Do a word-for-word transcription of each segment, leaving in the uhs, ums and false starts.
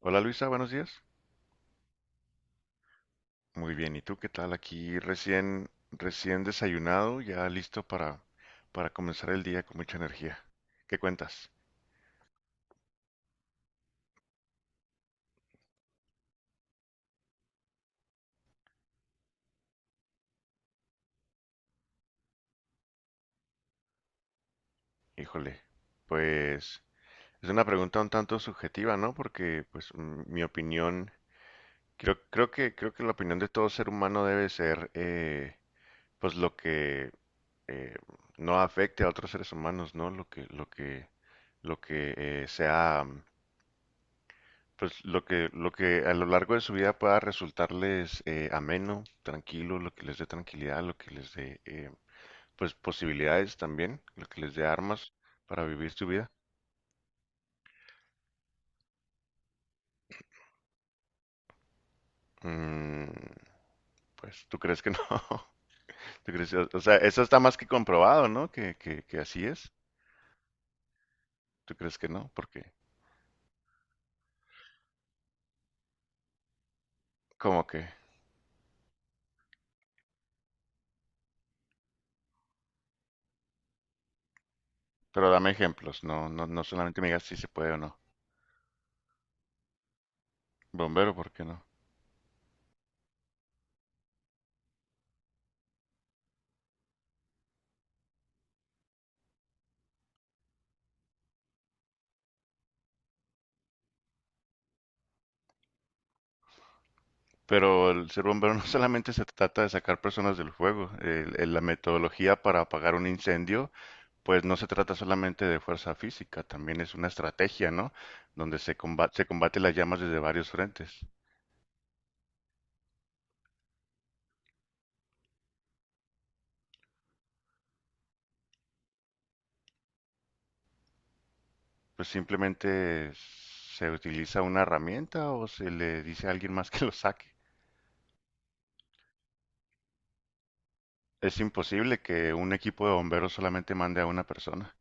Hola Luisa, buenos días. Muy bien, ¿y tú qué tal? Aquí recién, recién desayunado, ya listo para, para comenzar el día con mucha energía. ¿Qué cuentas? Híjole, pues es una pregunta un tanto subjetiva, ¿no? Porque pues mm, mi opinión, creo, creo que, creo que la opinión de todo ser humano debe ser eh, pues lo que eh, no afecte a otros seres humanos, ¿no? Lo que, lo que, lo que eh, sea. Pues lo que, lo que a lo largo de su vida pueda resultarles eh, ameno, tranquilo, lo que les dé tranquilidad, lo que les dé eh, pues posibilidades también, lo que les dé armas para vivir su vida. Mm, pues tú crees que no. ¿Tú crees, o, o sea, eso está más que comprobado, ¿no? Que, que, que así es. ¿Tú crees que no? Porque, ¿cómo que? Pero dame ejemplos, no, no, no solamente me digas si se puede o no. Bombero, ¿por qué no? Pero el ser bombero no solamente se trata de sacar personas del fuego. El- el- la metodología para apagar un incendio, pues no se trata solamente de fuerza física, también es una estrategia, ¿no? Donde se combate, se combate las llamas desde varios frentes. Pues simplemente se utiliza una herramienta o se le dice a alguien más que lo saque. Es imposible que un equipo de bomberos solamente mande a una persona.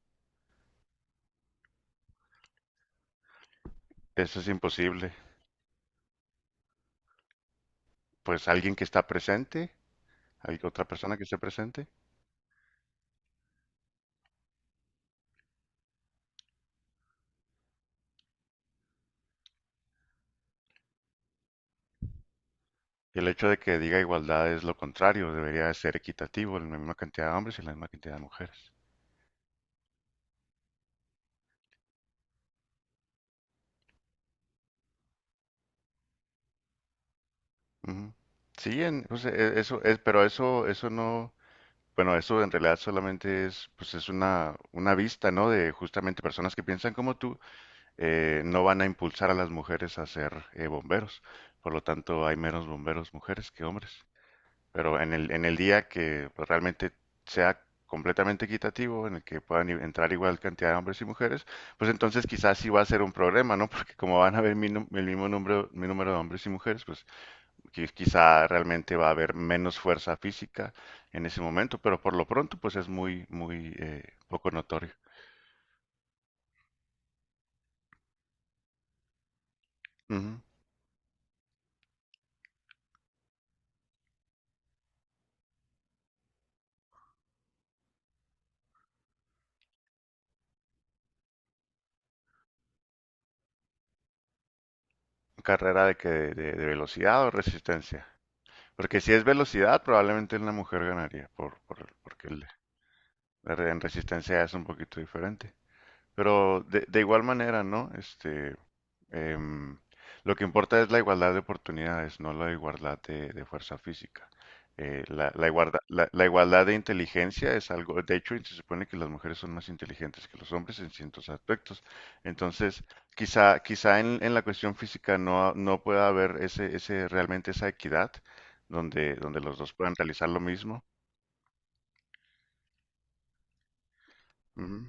Eso es imposible. Pues alguien que está presente, hay otra persona que esté presente. Y el hecho de que diga igualdad es lo contrario, debería de ser equitativo, la misma cantidad de hombres y la misma cantidad de mujeres. Ujú. Sí, en- pues, e- eso es, pero eso, eso no, bueno, eso en realidad solamente es, pues es una, una vista, ¿no? De justamente personas que piensan como tú, eh, no van a impulsar a las mujeres a ser eh, bomberos. Por lo tanto, hay menos bomberos mujeres que hombres. Pero en el, en el día que pues, realmente sea completamente equitativo, en el que puedan i- entrar igual cantidad de hombres y mujeres, pues entonces quizás sí va a ser un problema, ¿no? Porque como van a haber mi nu- el mismo número, mi número de hombres y mujeres, pues qui- quizá realmente va a haber menos fuerza física en ese momento, pero por lo pronto pues es muy, muy eh, poco notorio. Ujú. Carrera de que de, de- de velocidad o resistencia. Porque si es velocidad, probablemente una mujer ganaría, por, por- porque el- la re- en resistencia es un poquito diferente. Pero de, de igual manera, ¿no? Este, em, lo que importa es la igualdad de oportunidades, no la igualdad de, de fuerza física. Eh, la, la igualda- la- la igualdad de inteligencia es algo, de hecho, se supone que las mujeres son más inteligentes que los hombres en ciertos aspectos. Entonces, quizá, quizá en, en la cuestión física no, no pueda haber ese, ese, realmente esa equidad donde, donde los dos puedan realizar lo mismo. Ujú.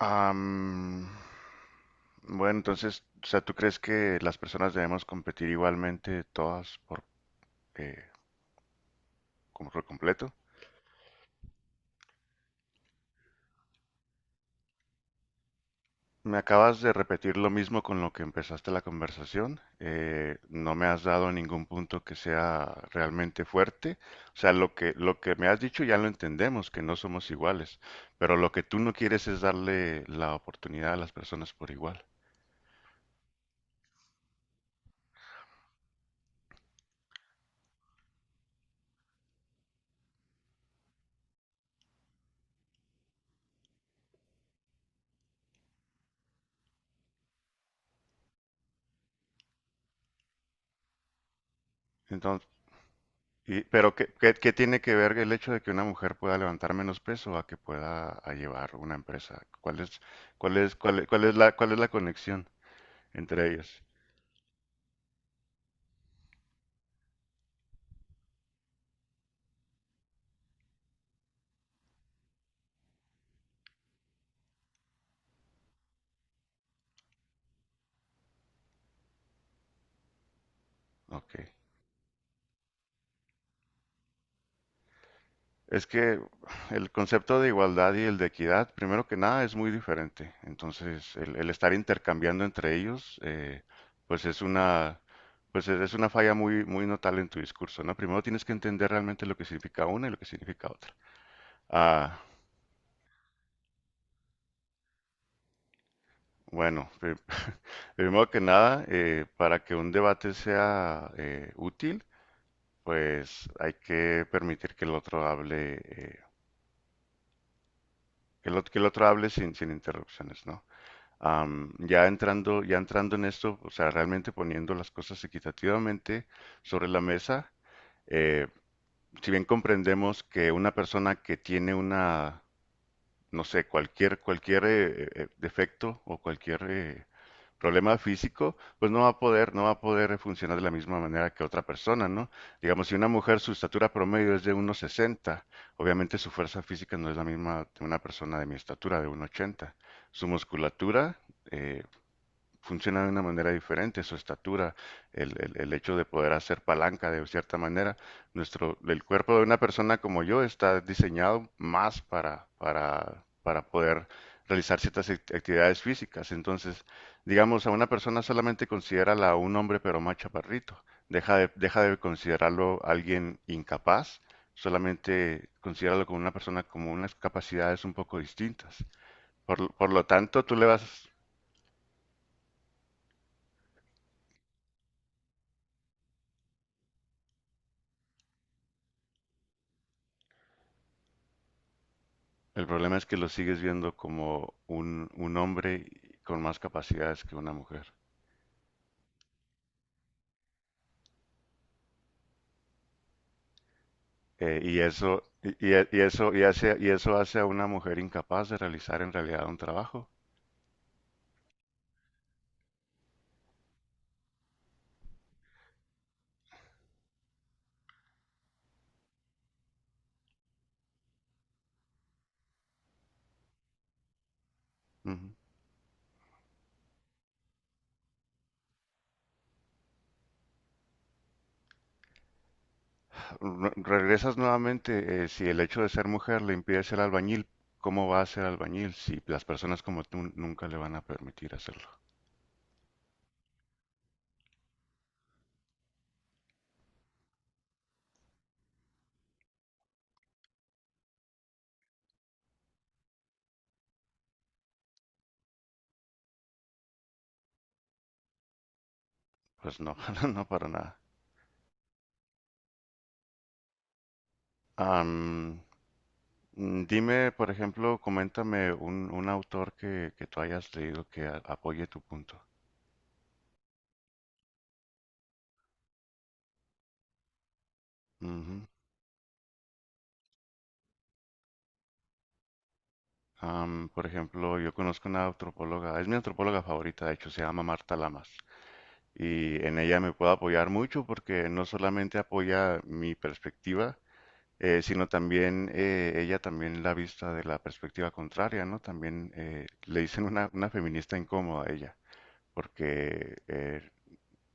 Am, Bueno, entonces, o sea, ¿tú crees que las personas debemos competir igualmente todas por, eh, como por completo? Me acabas de repetir lo mismo con lo que empezaste la conversación. Eh, no me has dado ningún punto que sea realmente fuerte. O sea, lo que, lo que me has dicho ya lo entendemos, que no somos iguales. Pero lo que tú no quieres es darle la oportunidad a las personas por igual. Y, pero ¿qué, qué- ¿qué tiene que ver el hecho de que una mujer pueda levantar menos peso a que pueda a llevar una empresa? ¿Cuál es, cuál es, cuál, es cuál es la, ¿cuál es la conexión entre ellas? Ok. Es que el concepto de igualdad y el de equidad, primero que nada, es muy diferente. Entonces, el, el estar intercambiando entre ellos, eh, pues es una, pues es es una falla muy, muy notable en tu discurso, ¿no? Primero tienes que entender realmente lo que significa una y lo que significa otra. Ah, Bueno, pri- primero que nada, eh, para que un debate sea eh, útil, pues hay que permitir que el otro hable, eh, que el, ot- que el otro hable sin, sin interrupciones, ¿no? Am, ya entrando, ya entrando en esto, o sea, realmente poniendo las cosas equitativamente sobre la mesa, eh, si bien comprendemos que una persona que tiene una no sé, cualquier, cualquier eh, eh, defecto o cualquier eh, problema físico, pues no va a poder, no va a poder funcionar de la misma manera que otra persona, ¿no? Digamos, si una mujer su estatura promedio es de uno sesenta, obviamente su fuerza física no es la misma de una persona de mi estatura, de uno ochenta. Su musculatura, eh, funciona de una manera diferente, su estatura, el, el- el hecho de poder hacer palanca de cierta manera. Nuestro, el cuerpo de una persona como yo está diseñado más para, para, para poder realizar ciertas actividades físicas. Entonces, digamos, a una persona solamente considérala un hombre pero más chaparrito. Deja de, deja de considerarlo alguien incapaz, solamente considéralo como una persona como unas capacidades un poco distintas. Por, por lo tanto, tú le vas, El problema es que lo sigues viendo como un, un hombre con más capacidades que una mujer. Eh, y eso, y, y- y eso, y hace, y eso hace a una mujer incapaz de realizar en realidad un trabajo. Ujú. Re- Regresas nuevamente, eh, si el hecho de ser mujer le impide ser albañil, ¿cómo va a ser albañil si las personas como tú nunca le van a permitir hacerlo? Pues no, no para nada. Am, mm, dime, por ejemplo, coméntame un, un autor que, que tú hayas leído que a- apoye tu punto. Ujú. Am, por ejemplo, yo conozco una antropóloga, es mi antropóloga favorita, de hecho, se llama Marta Lamas, y en ella me puedo apoyar mucho porque no solamente apoya mi perspectiva, eh, sino también eh, ella también la vista de la perspectiva contraria, ¿no? También eh, le dicen una, una feminista incómoda a ella, porque eh,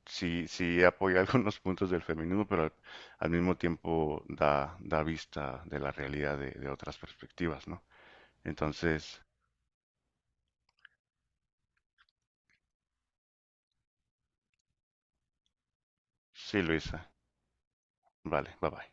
sí, sí apoya algunos puntos del feminismo, pero al, al mismo tiempo da, da vista de la realidad de de otras perspectivas, ¿no? Entonces, Sí, Luisa. Vale, bye bye.